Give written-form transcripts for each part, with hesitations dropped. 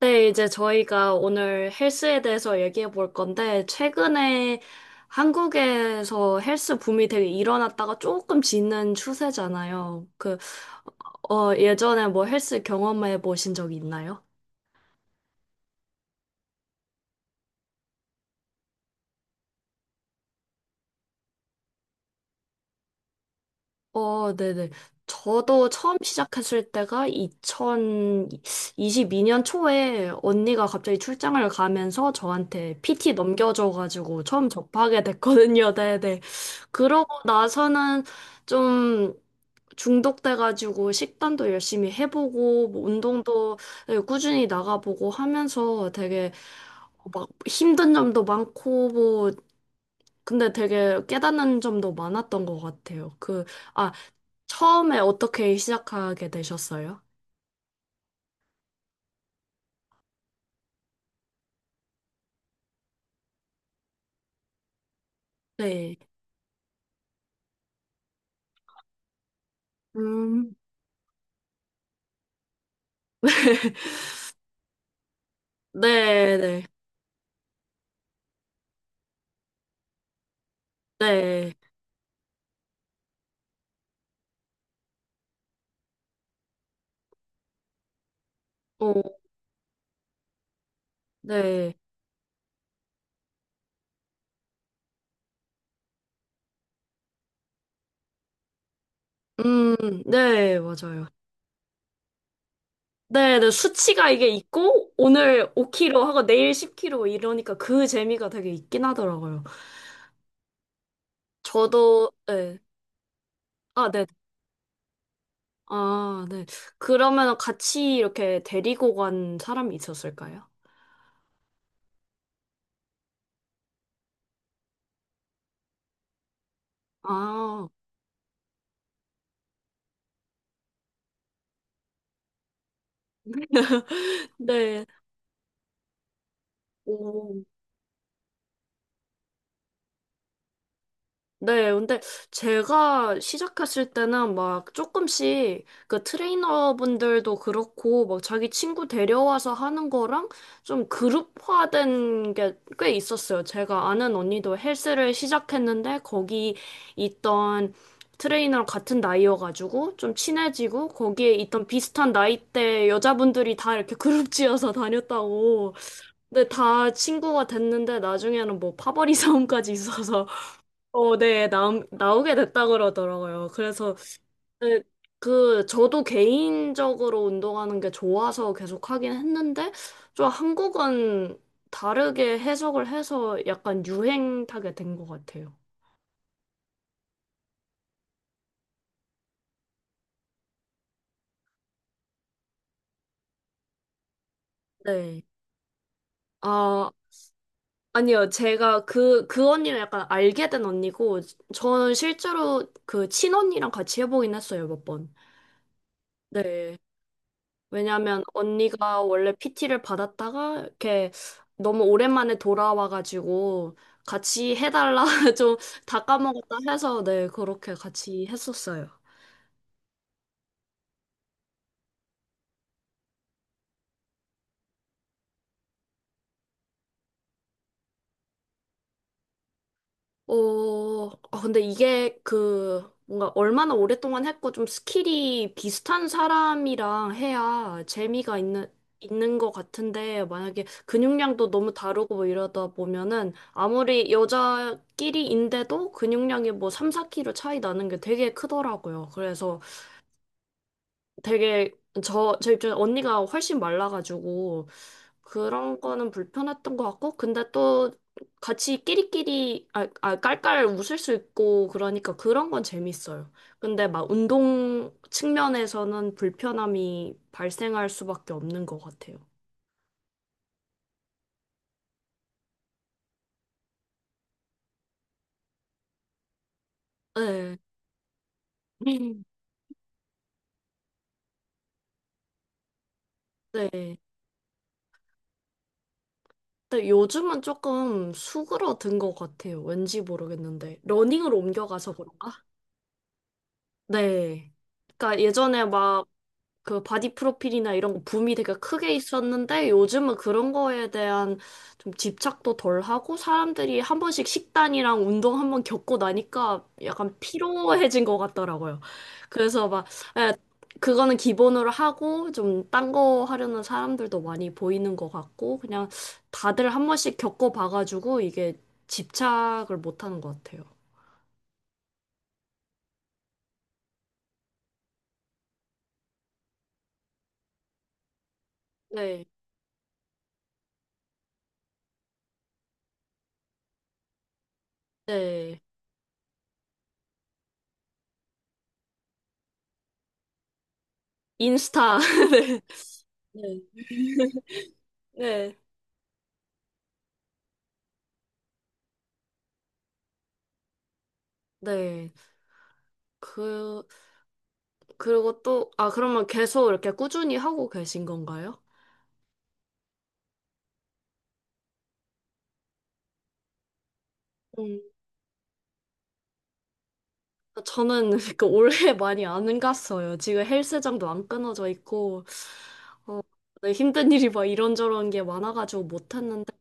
네, 이제 저희가 오늘 헬스에 대해서 얘기해 볼 건데, 최근에 한국에서 헬스 붐이 되게 일어났다가 조금 지는 추세잖아요. 예전에 뭐 헬스 경험해 보신 적 있나요? 어, 네네. 저도 처음 시작했을 때가 2022년 초에 언니가 갑자기 출장을 가면서 저한테 PT 넘겨줘가지고 처음 접하게 됐거든요. 네네. 그러고 나서는 좀 중독돼가지고 식단도 열심히 해보고 뭐 운동도 꾸준히 나가보고 하면서 되게 막 힘든 점도 많고 뭐 근데 되게 깨닫는 점도 많았던 것 같아요. 아, 처음에 어떻게 시작하게 되셨어요? 네. 음. 네, 네, 네. 어, 네. 음, 네, 맞아요. 네, 네, 수치가 이게 있고, 오늘 5kg 하고 내일 10kg 이러니까 그 재미가 되게 있긴 하더라고요. 저도, 네. 아, 네. 아, 네. 그러면 같이 이렇게 데리고 간 사람이 있었을까요? 아, 네. 오. 네, 근데 제가 시작했을 때는 막 조금씩 그 트레이너분들도 그렇고 막 자기 친구 데려와서 하는 거랑 좀 그룹화된 게 꽤 있었어요. 제가 아는 언니도 헬스를 시작했는데 거기 있던 트레이너랑 같은 나이여가지고 좀 친해지고 거기에 있던 비슷한 나이대 여자분들이 다 이렇게 그룹 지어서 다녔다고. 근데 다 친구가 됐는데 나중에는 뭐 파벌이 싸움까지 있어서 어, 네, 나오게 됐다 그러더라고요. 네, 저도 개인적으로 운동하는 게 좋아서 계속 하긴 했는데, 좀 한국은 다르게 해석을 해서 약간 유행 타게 된 것 같아요. 네. 아, 아니요. 그 언니는 약간 알게 된 언니고, 저는 실제로 그 친언니랑 같이 해보긴 했어요, 몇 번. 네. 왜냐면 언니가 원래 PT를 받았다가 이렇게 너무 오랜만에 돌아와가지고 같이 해달라 좀 다 까먹었다 해서 네, 그렇게 같이 했었어요. 근데 이게 그 뭔가 얼마나 오랫동안 했고 좀 스킬이 비슷한 사람이랑 해야 재미가 있는 것 같은데 만약에 근육량도 너무 다르고 뭐 이러다 보면은 아무리 여자끼리인데도 근육량이 뭐 3, 4kg 차이 나는 게 되게 크더라고요. 되게 제 입장에 언니가 훨씬 말라가지고 그런 거는 불편했던 것 같고 근데 또 같이 끼리끼리 아 깔깔 웃을 수 있고 그러니까 그런 건 재밌어요. 근데 막 운동 측면에서는 불편함이 발생할 수밖에 없는 것 같아요. 네. 음. 네. 근데 요즘은 조금 수그러든 것 같아요. 왠지 모르겠는데. 러닝으로 옮겨가서 그런가? 네. 그러니까 예전에 바디 프로필이나 이런 거 붐이 되게 크게 있었는데 요즘은 그런 거에 대한 좀 집착도 덜 하고 사람들이 한 번씩 식단이랑 운동 한 번 겪고 나니까 약간 피로해진 것 같더라고요. 그래서 막, 예, 그거는 기본으로 하고 좀 딴 거 하려는 사람들도 많이 보이는 것 같고 그냥 다들 한 번씩 겪어봐가지고 이게 집착을 못 하는 것 같아요. 네, 네. 인스타. 네. 네. 네. 네. 그, 그러면 계속 이렇게 꾸준히 하고 계신 건가요? 음. 저는 그 올해 많이 안 갔어요. 지금 헬스장도 안 끊어져 있고, 어, 네, 힘든 일이 막 이런저런 게 많아가지고 못 했는데,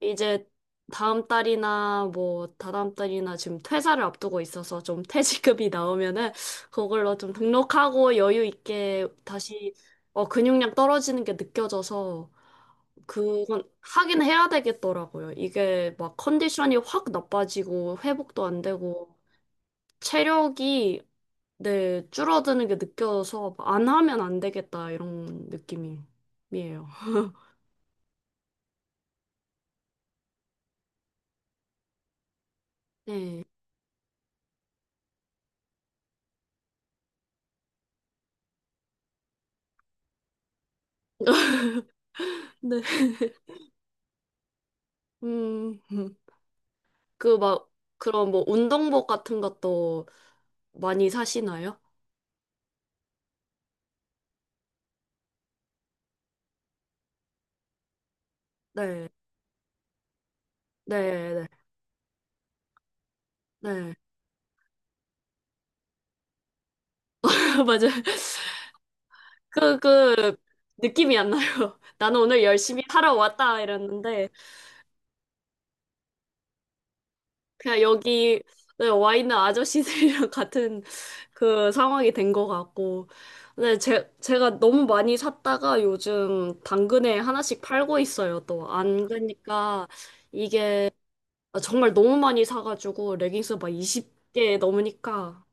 이제 다음 달이나 뭐 다다음 달이나 지금 퇴사를 앞두고 있어서 좀 퇴직급이 나오면은 그걸로 좀 등록하고 여유 있게 다시 어, 근육량 떨어지는 게 느껴져서 그건 하긴 해야 되겠더라고요. 이게 막 컨디션이 확 나빠지고 회복도 안 되고 체력이 네, 줄어드는 게 느껴서 안 하면 안 되겠다 이런 느낌이에요. 네. 네. 음. 그 막 그런 뭐 운동복 같은 것도 많이 사시나요? 네. 네, 네. 네. 맞아요. 그 느낌이 안 나요. 나는 오늘 열심히 하러 왔다 이랬는데 그냥 여기 네, 와 있는 아저씨들이랑 같은 그 상황이 된 것 같고. 근데 제가 너무 많이 샀다가 요즘 당근에 하나씩 팔고 있어요, 또. 안 그러니까 이게 정말 너무 많이 사가지고 레깅스 막 20개 넘으니까.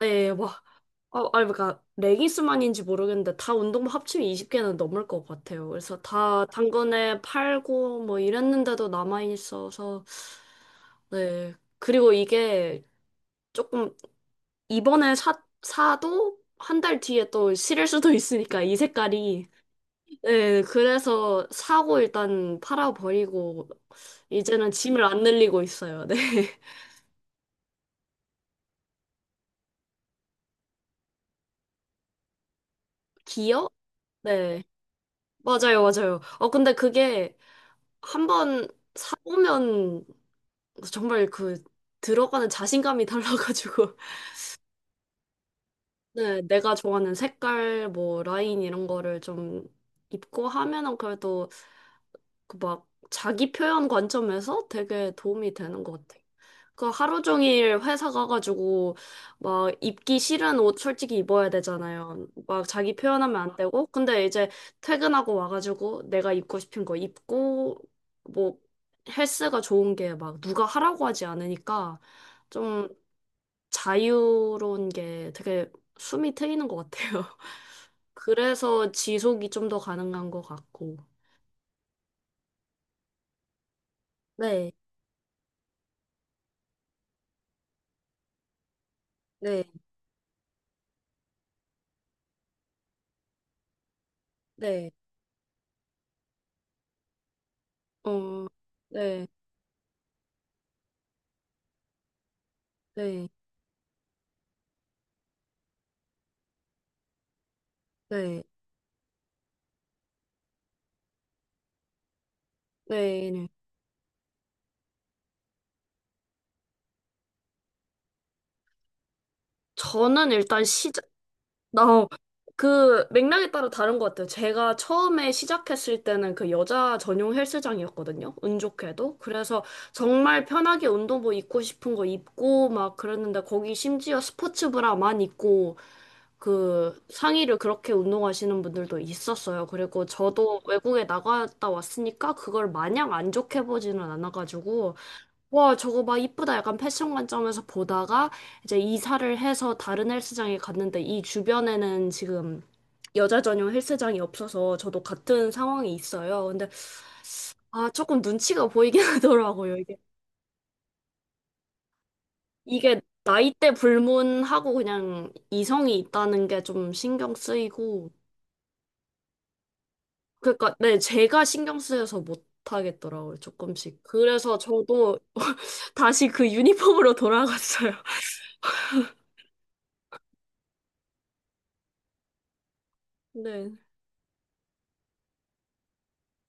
네, 막. 아, 아니, 그러니까 레깅스만인지 모르겠는데 다 운동복 합치면 20개는 넘을 것 같아요. 그래서 다 당근에 팔고 뭐 이랬는데도 남아 있어서 네. 그리고 이게 조금 이번에 사, 사도 한 달 뒤에 또 실을 수도 있으니까 이 색깔이. 네, 그래서 사고 일단 팔아버리고 이제는 짐을 안 늘리고 있어요. 네. 기어? 네. 맞아요, 맞아요. 어, 근데 그게 한 번 사보면 정말 그 들어가는 자신감이 달라가지고. 네, 내가 좋아하는 색깔, 뭐, 라인 이런 거를 좀 입고 하면은 그래도 그 막 자기 표현 관점에서 되게 도움이 되는 것 같아. 그 하루 종일 회사 가가지고 막 입기 싫은 옷 솔직히 입어야 되잖아요. 막 자기 표현하면 안 되고. 근데 이제 퇴근하고 와가지고 내가 입고 싶은 거 입고 뭐 헬스가 좋은 게 막 누가 하라고 하지 않으니까 좀 자유로운 게 되게 숨이 트이는 것 같아요. 그래서 지속이 좀 더 가능한 것 같고. 네, 네, 네. 어, 네, 네, 네, 네. 네. 저는 일단 시작, 나, 어, 그 맥락에 따라 다른 것 같아요. 제가 처음에 시작했을 때는 그 여자 전용 헬스장이었거든요. 운 좋게도. 그래서 정말 편하게 운동복 입고 싶은 거 입고 막 그랬는데 거기 심지어 스포츠 브라만 입고 그 상의를 그렇게 운동하시는 분들도 있었어요. 그리고 저도 외국에 나갔다 왔으니까 그걸 마냥 안 좋게 보지는 않아가지고 와, 저거 막 이쁘다. 약간 패션 관점에서 보다가 이제 이사를 해서 다른 헬스장에 갔는데 이 주변에는 지금 여자 전용 헬스장이 없어서 저도 같은 상황이 있어요. 근데 아, 조금 눈치가 보이긴 하더라고요. 이게 나이대 불문하고 그냥 이성이 있다는 게 좀 신경 쓰이고 그러니까 네, 제가 신경 쓰여서 못 하겠더라고요. 조금씩. 그래서 저도 다시 그 유니폼으로 돌아갔어요. 네.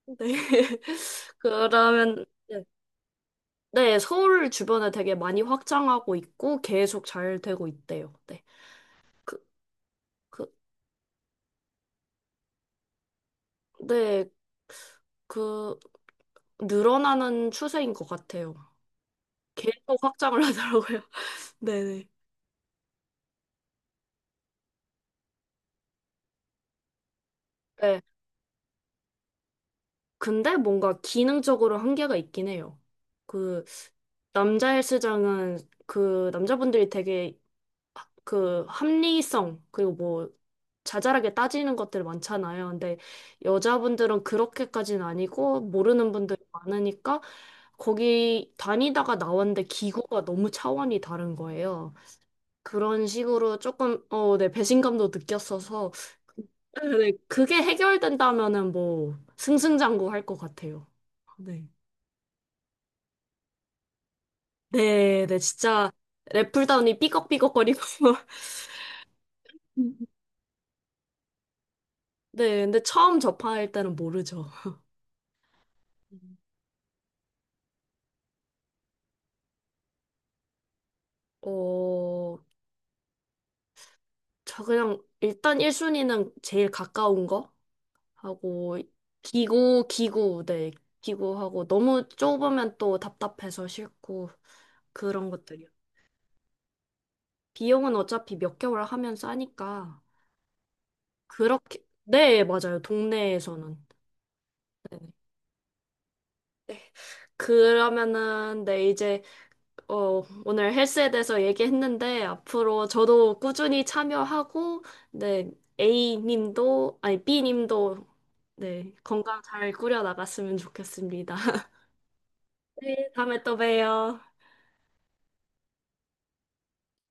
네. 그러면, 네. 네, 서울 주변에 되게 많이 확장하고 있고, 계속 잘 되고 있대요. 네. 그, 그, 네. 그, 늘어나는 추세인 것 같아요. 계속 확장을 하더라고요. 네네. 네. 네. 근데 뭔가 기능적으로 한계가 있긴 해요. 그, 남자 헬스장은 그 남자분들이 되게 그 합리성 그리고 뭐 자잘하게 따지는 것들 많잖아요. 근데 여자분들은 그렇게까지는 아니고 모르는 분들이 많으니까 거기 다니다가 나왔는데 기구가 너무 차원이 다른 거예요. 그런 식으로 조금 어, 네, 배신감도 느꼈어서 네, 그게 해결된다면은 뭐 승승장구 할 것 같아요. 네. 네, 네, 진짜 랩풀다운이 삐걱삐걱거리고 네, 근데 처음 접할 때는 모르죠. 어, 저 그냥 일단 1순위는 제일 가까운 거 하고 기구 기구 네 기구하고 너무 좁으면 또 답답해서 싫고 그런 것들이요. 비용은 어차피 몇 개월 하면 싸니까 그렇게 네 맞아요 동네에서는 그러면은 네 이제 어, 오늘 헬스에 대해서 얘기했는데, 앞으로 저도 꾸준히 참여하고, 네, A님도, 아니, B님도, 네, 건강 잘 꾸려나갔으면 좋겠습니다. 네, 다음에 또 봬요.